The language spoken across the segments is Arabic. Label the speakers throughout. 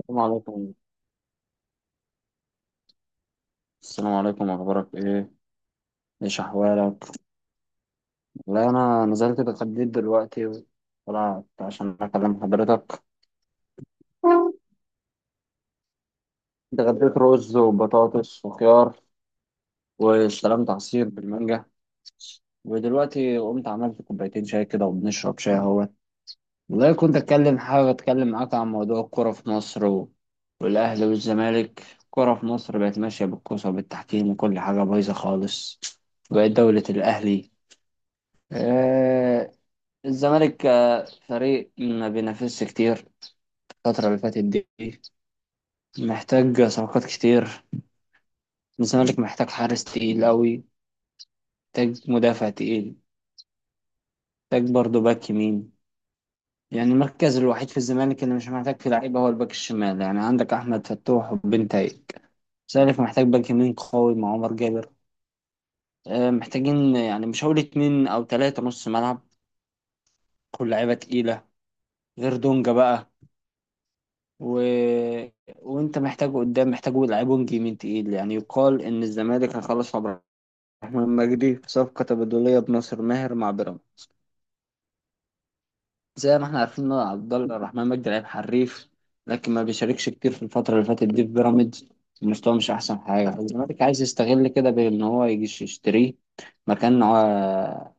Speaker 1: السلام عليكم. السلام عليكم، اخبارك ايه؟ ايش احوالك؟ لا انا نزلت اتغديت دلوقتي، طلعت عشان اكلم حضرتك. اتغديت رز وبطاطس وخيار، واستلمت عصير بالمانجا، ودلوقتي قمت عملت كوبايتين شاي كده وبنشرب شاي اهوت. والله كنت اتكلم، حابب اتكلم معاك عن موضوع الكوره في مصر والاهلي والزمالك. الكوره في مصر بقت ماشيه بالكوسه وبالتحكيم وكل حاجه بايظه خالص. بقت دوله الاهلي. آه، الزمالك فريق ما بينافسش كتير الفترة اللي فاتت دي. محتاج صفقات كتير. الزمالك محتاج حارس تقيل أوي، محتاج مدافع تقيل، محتاج برضه باك يمين. يعني المركز الوحيد في الزمالك اللي مش محتاج فيه لعيبة هو الباك الشمال، يعني عندك أحمد فتوح وبنتايج. الزمالك محتاج باك يمين قوي مع عمر جابر. آه، محتاجين يعني مش هقول اتنين أو تلاتة نص ملعب، كل لعيبة تقيلة غير دونجا بقى. و... وانت محتاجه قدام، محتاجه يلعبه جيمين تقيل. يعني يقال ان الزمالك هيخلص عبد الرحمن مجدي في صفقه تبادليه بناصر ماهر مع بيراميدز. زي ما احنا عارفين ان عبد الرحمن مجدي لعيب حريف، لكن ما بيشاركش كتير في الفتره اللي فاتت دي في بيراميدز، المستوى مش احسن حاجه. الزمالك عايز يستغل كده بان هو يجي يشتريه مكان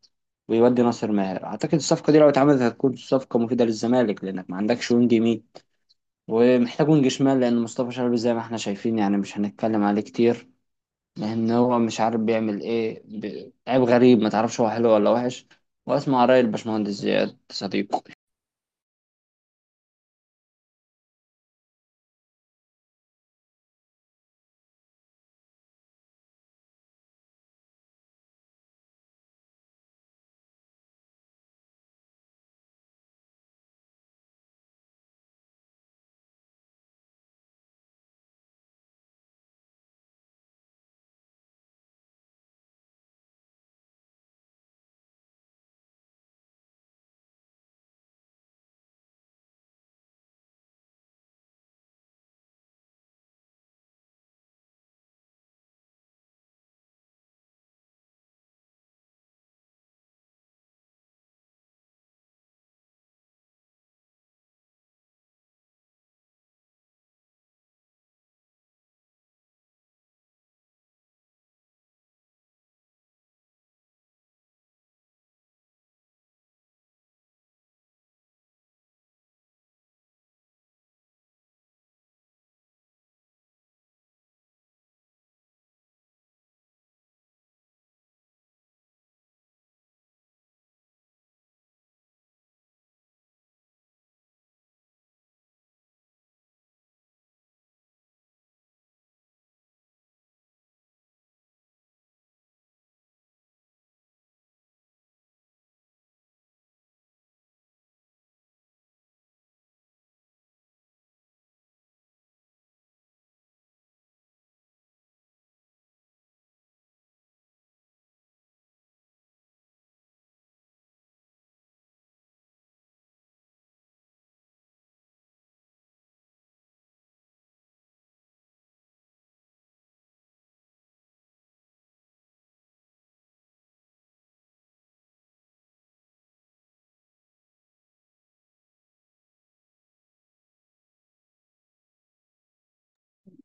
Speaker 1: ويودي ناصر ماهر. اعتقد الصفقه دي لو اتعملت هتكون صفقه مفيده للزمالك، لانك ما عندكش وينج يمين ومحتاج وينج شمال، لان مصطفى شلبي زي ما احنا شايفين يعني مش هنتكلم عليه كتير، لان هو مش عارف بيعمل ايه. لعيب غريب ما تعرفش هو حلو ولا وحش. واسمع رأي الباشمهندس زياد صديقه.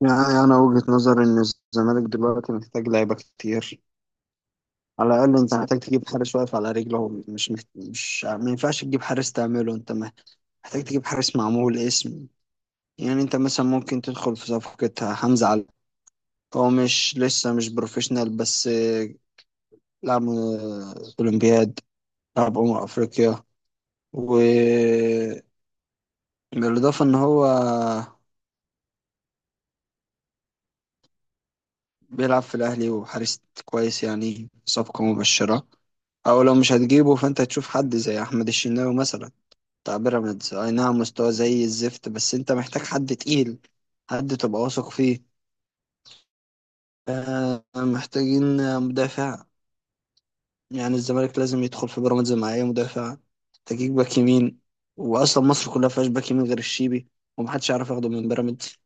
Speaker 1: يعني أنا وجهة نظري إن الزمالك دلوقتي محتاج لعيبة كتير. على الأقل أنت محتاج تجيب حارس واقف على رجله، مش ما ينفعش تجيب حارس تعمله أنت محتاج تجيب حارس معمول اسم. يعني أنت مثلا ممكن تدخل في صفقة حمزة علي، هو مش لسه مش بروفيشنال بس لعبوا الأولمبياد، لعبوا أمم أفريقيا، وبالإضافة إن هو بيلعب في الأهلي وحارس كويس، يعني صفقة مبشرة. أو لو مش هتجيبه فأنت هتشوف حد زي أحمد الشناوي مثلا بتاع بيراميدز، أي نعم مستواه زي الزفت بس أنت محتاج حد تقيل، حد تبقى واثق فيه. آه، محتاجين مدافع. يعني الزمالك لازم يدخل في بيراميدز مع اي مدافع. تجيب باك يمين، واصلا مصر كلها فيهاش باك يمين غير الشيبي، ومحدش عارف ياخده من بيراميدز.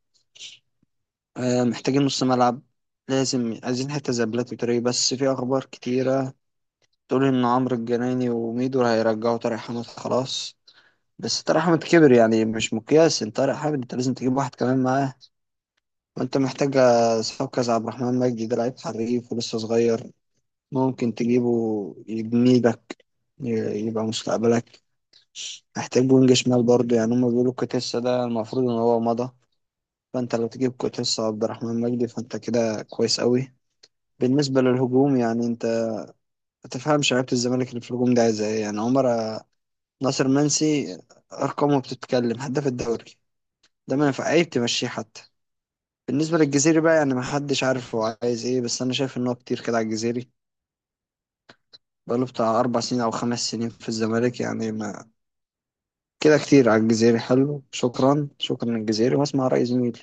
Speaker 1: آه محتاجين نص ملعب، لازم عايزين حتة زي بلاتي تري. بس في اخبار كتيرة تقول ان عمرو الجناني وميدو هيرجعوا. طارق حامد خلاص، بس طارق حامد كبر يعني مش مقياس. انت طارق حامد انت لازم تجيب واحد كمان معاه. وانت محتاج صفقة زي عبد الرحمن مجدي، ده لعيب حريف ولسه صغير، ممكن تجيبه يبني لك يبقى مستقبلك. محتاج وينج شمال برضه، يعني هما بيقولوا كوتيسا ده المفروض ان هو مضى، فانت لو تجيب كوتيسا وعبد الرحمن مجدي فانت كده كويس قوي. بالنسبة للهجوم يعني انت ما تفهمش لعيبة الزمالك اللي في الهجوم ده عايزة ايه. يعني عمر ناصر منسي، ارقامه بتتكلم، هداف الدوري، ده ما ينفع عيب تمشيه حتى. بالنسبة للجزيري بقى يعني ما حدش عارف هو عايز ايه، بس انا شايف ان هو كتير كده على الجزيري، بقاله بتاع أربع سنين أو خمس سنين في الزمالك، يعني ما كده كتير على الجزيري. حلو، شكرا، شكرا للجزيري، واسمع رأي زميلي.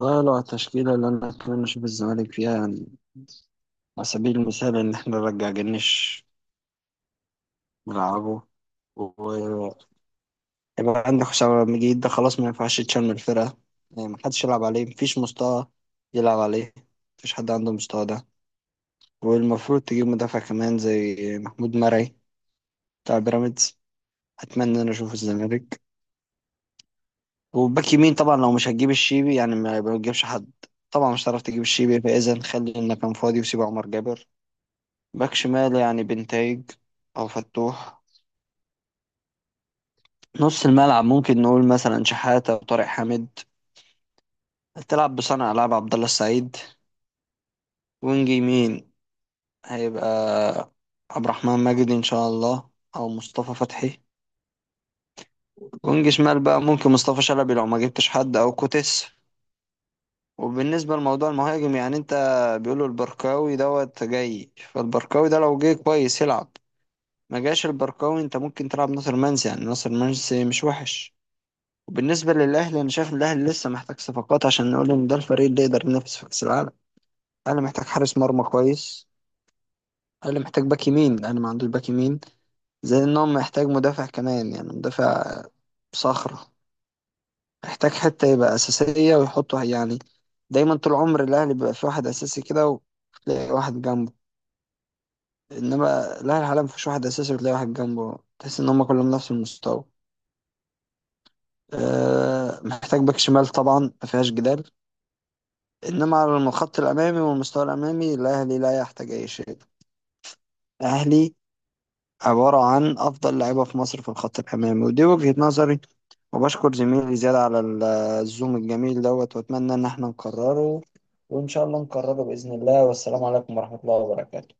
Speaker 1: والله لو على التشكيلة اللي أنا أتمنى أشوف الزمالك فيها، يعني على سبيل المثال إن إحنا نرجع جنش نلعبه، ويبقى عندك حسام عبد المجيد ده خلاص ما ينفعش يتشال من الفرقة، يعني محدش يلعب عليه، مفيش مستوى يلعب عليه، مفيش حد عنده المستوى ده. والمفروض تجيب مدافع كمان زي محمود مرعي بتاع بيراميدز، أتمنى إن أنا أشوفه الزمالك. وباك يمين طبعا لو مش هتجيب الشيبي يعني ما تجيبش حد، طبعا مش هتعرف تجيب الشيبي، فإذا خلي إنك كان فاضي وسيب عمر جابر. باك شمال يعني بنتايج او فتوح. نص الملعب ممكن نقول مثلا شحاتة وطارق حامد، هتلعب بصانع العاب عبد الله السعيد. وينج يمين هيبقى عبد الرحمن ماجدي ان شاء الله، او مصطفى فتحي. وينج شمال بقى ممكن مصطفى شلبي لو ما جبتش حد، او كوتس. وبالنسبة لموضوع المهاجم يعني انت، بيقولوا البركاوي دوت جاي، فالبركاوي ده لو جه كويس يلعب. ما جاش البركاوي انت ممكن تلعب ناصر منسي، يعني ناصر منسي مش وحش. وبالنسبة للأهلي أنا شايف إن الأهلي لسه محتاج صفقات عشان نقول إن ده الفريق اللي يقدر ينافس في كأس العالم. الأهلي محتاج حارس مرمى كويس، الأهلي محتاج باك يمين، الأهلي ما عندوش باك يمين، زي إن هو محتاج مدافع كمان، يعني مدافع صخرة، محتاج حتة يبقى أساسية ويحطه. يعني دايما طول عمر الأهلي بيبقى في واحد أساسي كده وتلاقي واحد جنبه، إنما الأهلي حاليا مفيش واحد أساسي وتلاقي واحد جنبه، تحس إن هما كلهم نفس المستوى. أه محتاج باك شمال طبعا مفيهاش جدال. إنما على الخط الأمامي والمستوى الأمامي الأهلي لا يحتاج أي شيء، الأهلي عبارة عن أفضل لعيبة في مصر في الخط الأمامي، ودي وجهة نظري. وبشكر زميلي زياد على الزوم الجميل دوت، وأتمنى إن احنا نكرره، وإن شاء الله نكرره بإذن الله، والسلام عليكم ورحمة الله وبركاته.